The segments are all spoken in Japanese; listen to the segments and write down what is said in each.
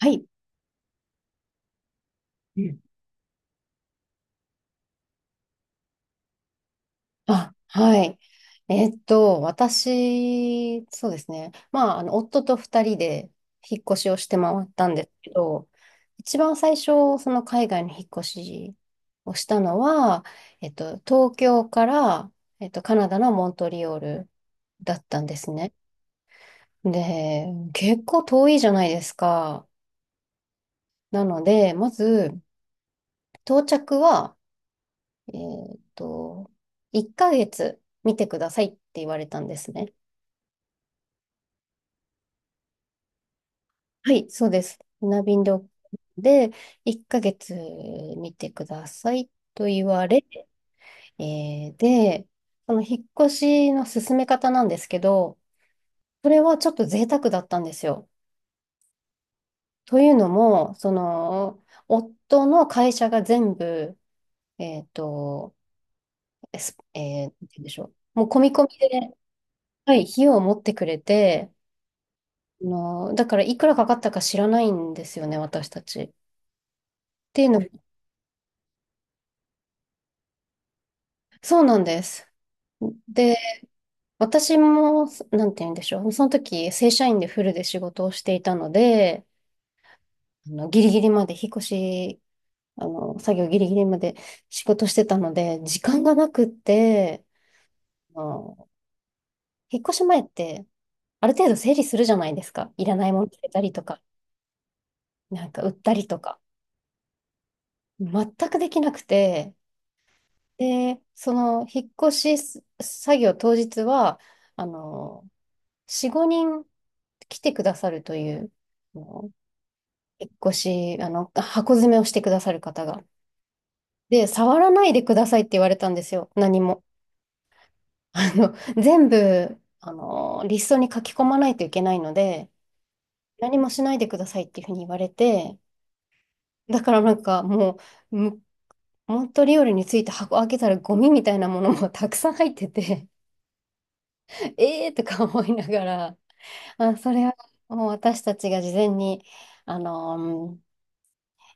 はい。うはい。私、そうですね。まあ、夫と二人で引っ越しをして回ったんですけど、一番最初、その海外の引っ越しをしたのは、東京から、カナダのモントリオールだったんですね。で、結構遠いじゃないですか。なので、まず、到着は、えっと、1ヶ月見てくださいって言われたんですね。はい、そうです。船便で、で、1ヶ月見てくださいと言われ、で、その引っ越しの進め方なんですけど、それはちょっと贅沢だったんですよ。というのも、夫の会社が全部、えっと、すえー、なんて言うんでしょう。もう込み込みで、はい、費用を持ってくれて、だからいくらかかったか知らないんですよね、私たち。っていうのも、そうなんです。で、私も、なんて言うんでしょう。その時、正社員でフルで仕事をしていたので、ギリギリまで引っ越し、作業ギリギリまで仕事してたので、時間がなくって、あの、引っ越し前って、ある程度整理するじゃないですか。いらないもの捨てたりとか、なんか売ったりとか。全くできなくて、で、引っ越しす作業当日は、あの、4、5人来てくださるという、引っ越し、箱詰めをしてくださる方が。で、触らないでくださいって言われたんですよ、何も。あの、全部、リストに書き込まないといけないので、何もしないでくださいっていうふうに言われて、だからなんかもうモントリオールについて箱開けたらゴミみたいなものもたくさん入ってて、えーとか思いながら、あ、それはもう私たちが事前に、あの、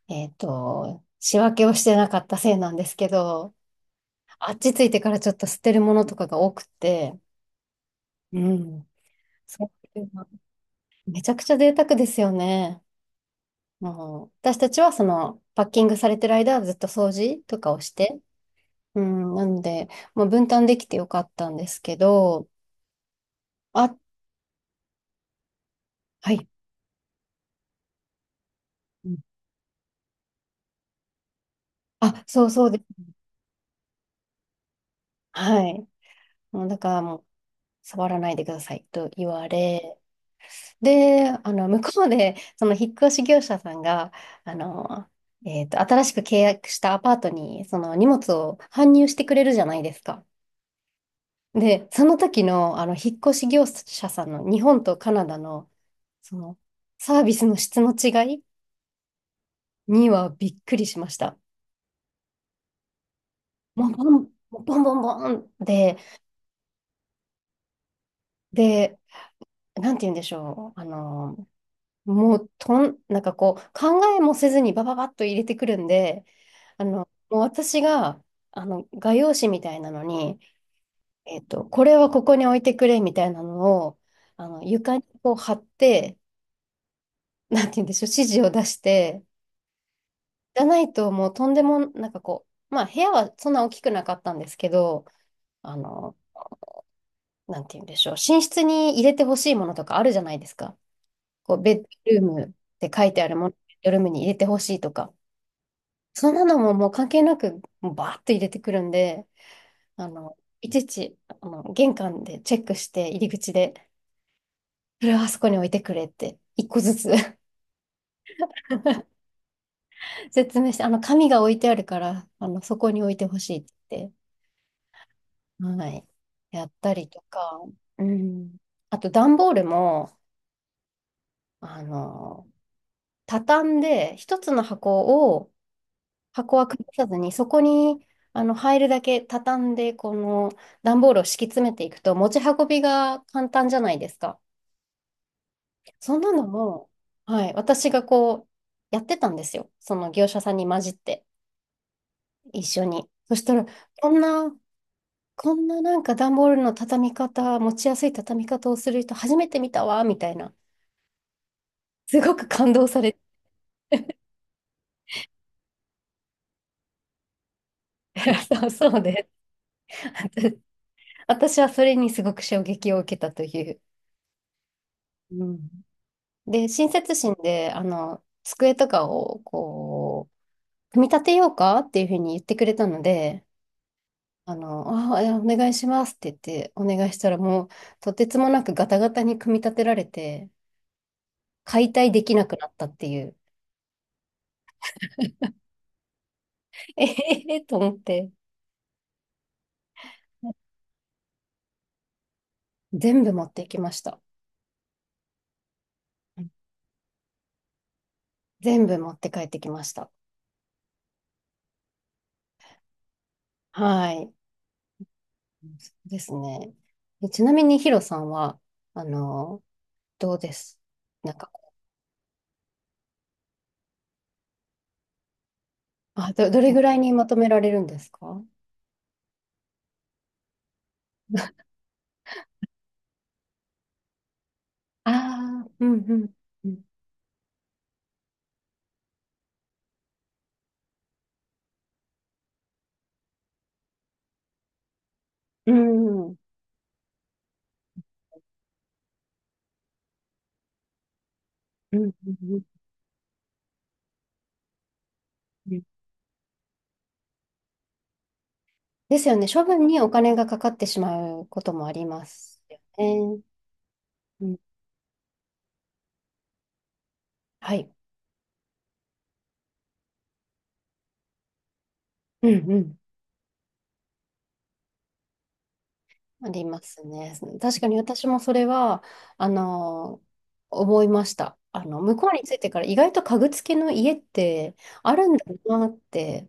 仕分けをしてなかったせいなんですけど、あっち着いてからちょっと捨てるものとかが多くて、うん。そういうのめちゃくちゃ贅沢ですよね。もう私たちはそのパッキングされてる間はずっと掃除とかをして、うん、なので、まあ、分担できてよかったんですけど、あ、はい。うん。あ、そうそうです。はい。もうだからもう触らないでくださいと言われ、で、向こうで、その引っ越し業者さんが、あの、新しく契約したアパートに、その荷物を搬入してくれるじゃないですか。で、その時の、引っ越し業者さんの日本とカナダの、その、サービスの質の違いにはびっくりしました。もう、ボン、ボンボンボンで、で、なんて言うんでしょう。もう、なんかこう、考えもせずにバババッと入れてくるんで、あの、もう私が、画用紙みたいなのに、これはここに置いてくれみたいなのを、床にこう貼って、なんて言うんでしょう、指示を出して、じゃないともうとんでも、なんかこう、まあ部屋はそんな大きくなかったんですけど、あの、なんて言うんでしょう、寝室に入れてほしいものとかあるじゃないですか。こう、ベッドルームって書いてあるもの、ベッドルームに入れてほしいとか。そんなのももう関係なく、もうバーッと入れてくるんで、いちいち、玄関でチェックして、入り口で、これはあそこに置いてくれって、一個ずつ 説明して、紙が置いてあるから、そこに置いてほしいって言って、はい、やったりとか、うん。あと、段ボールも、あの、畳んで、一つの箱を、箱は崩さずに、そこに入るだけ畳んで、この段ボールを敷き詰めていくと、持ち運びが簡単じゃないですか。そんなのも、はい、私がこう、やってたんですよ。その業者さんに混じって、一緒に。そしたら、こんな、こんななんか段ボールの畳み方、持ちやすい畳み方をする人初めて見たわ、みたいな。すごく感動されて、そうそうで、私はそれにすごく衝撃を受けたという。うん。で、親切心で、机とかを、こう、組み立てようかっていうふうに言ってくれたので、あ、いやお願いしますって言って、お願いしたらもう、とてつもなくガタガタに組み立てられて、解体できなくなったっていう。えへへと思って、全部持っていきました。全部持って帰ってきました。はい。そうですね。ちなみにヒロさんは、あの、どうですなんか、あ、どれぐらいにまとめられるんですか？ああ、うんうん。うん、うん、うん、うん、うん、うんですよね。処分にお金がかかってしまうこともありますよね。うん、はい。うんうん。ありますね。確かに私もそれは、あの、思いました。向こうに着いてから意外と家具付きの家ってあるんだなって。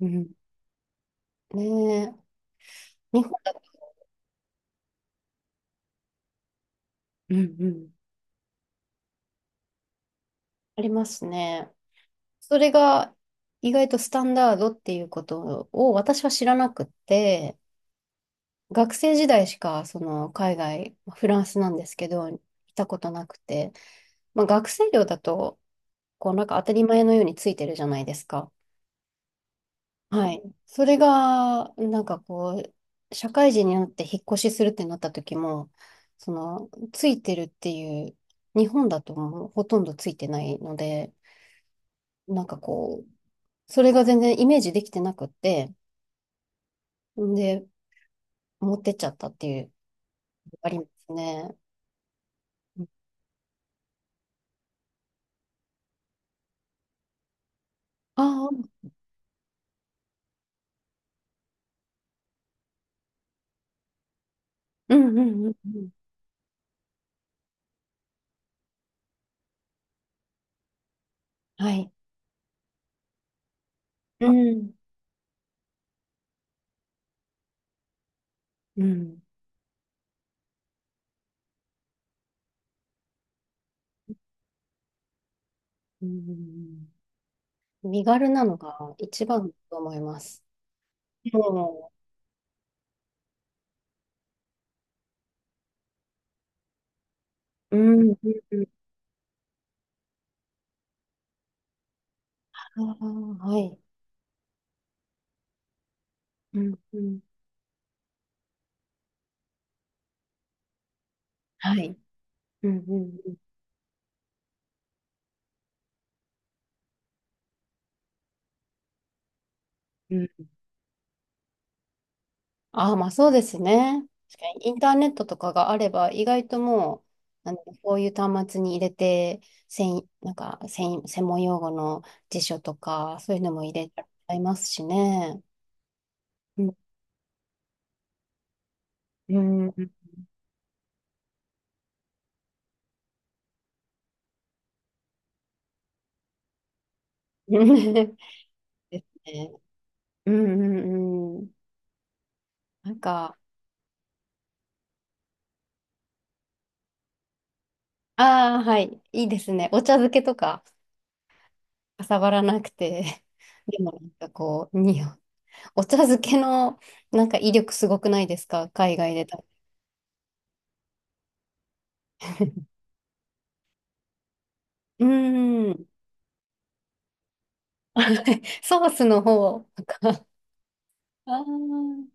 うん、ねえ日本だと、うんうん、ありますね。それが意外とスタンダードっていうことを私は知らなくって、学生時代しかその海外、まあフランスなんですけど、行ったことなくて、まあ、学生寮だと、こうなんか当たり前のようについてるじゃないですか。はい。それが、なんかこう、社会人になって引っ越しするってなった時も、ついてるっていう、日本だともうほとんどついてないので、なんかこう、それが全然イメージできてなくって、んで、持ってっちゃったっていう、ありますね。ああ、うんうんうんうん。はい。うん。うん。うん。身軽なのが一番だと思います。もうん。うん。うん。ああ、はい。うん。うん。はい。うん。うんうん。うん。ああ、まあそうですね。確かにインターネットとかがあれば、意外ともう、こういう端末に入れて、専、なんか専、専門用語の辞書とか、そういうのも入れちゃいますしね。うん。うん。ですね。うんうんうん。なんか、ああ、はい。いいですね。お茶漬けとか、かさばらなくて。でもなんかこう、お茶漬けのなんか威力すごくないですか？海外で食べて。うん。はい、ソースの方とか。あー、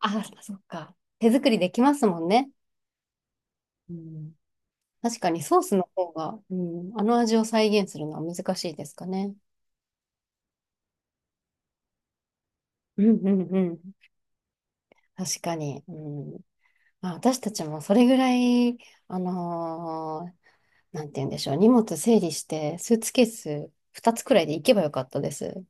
あ、そっか。手作りできますもんね。うん、確かにソースの方が、うん、あの味を再現するのは難しいですかね。うんうんうん。確かに。うん。まあ、私たちもそれぐらい、あのーなんて言うんでしょう。荷物整理して、スーツケース2つくらいで行けばよかったです。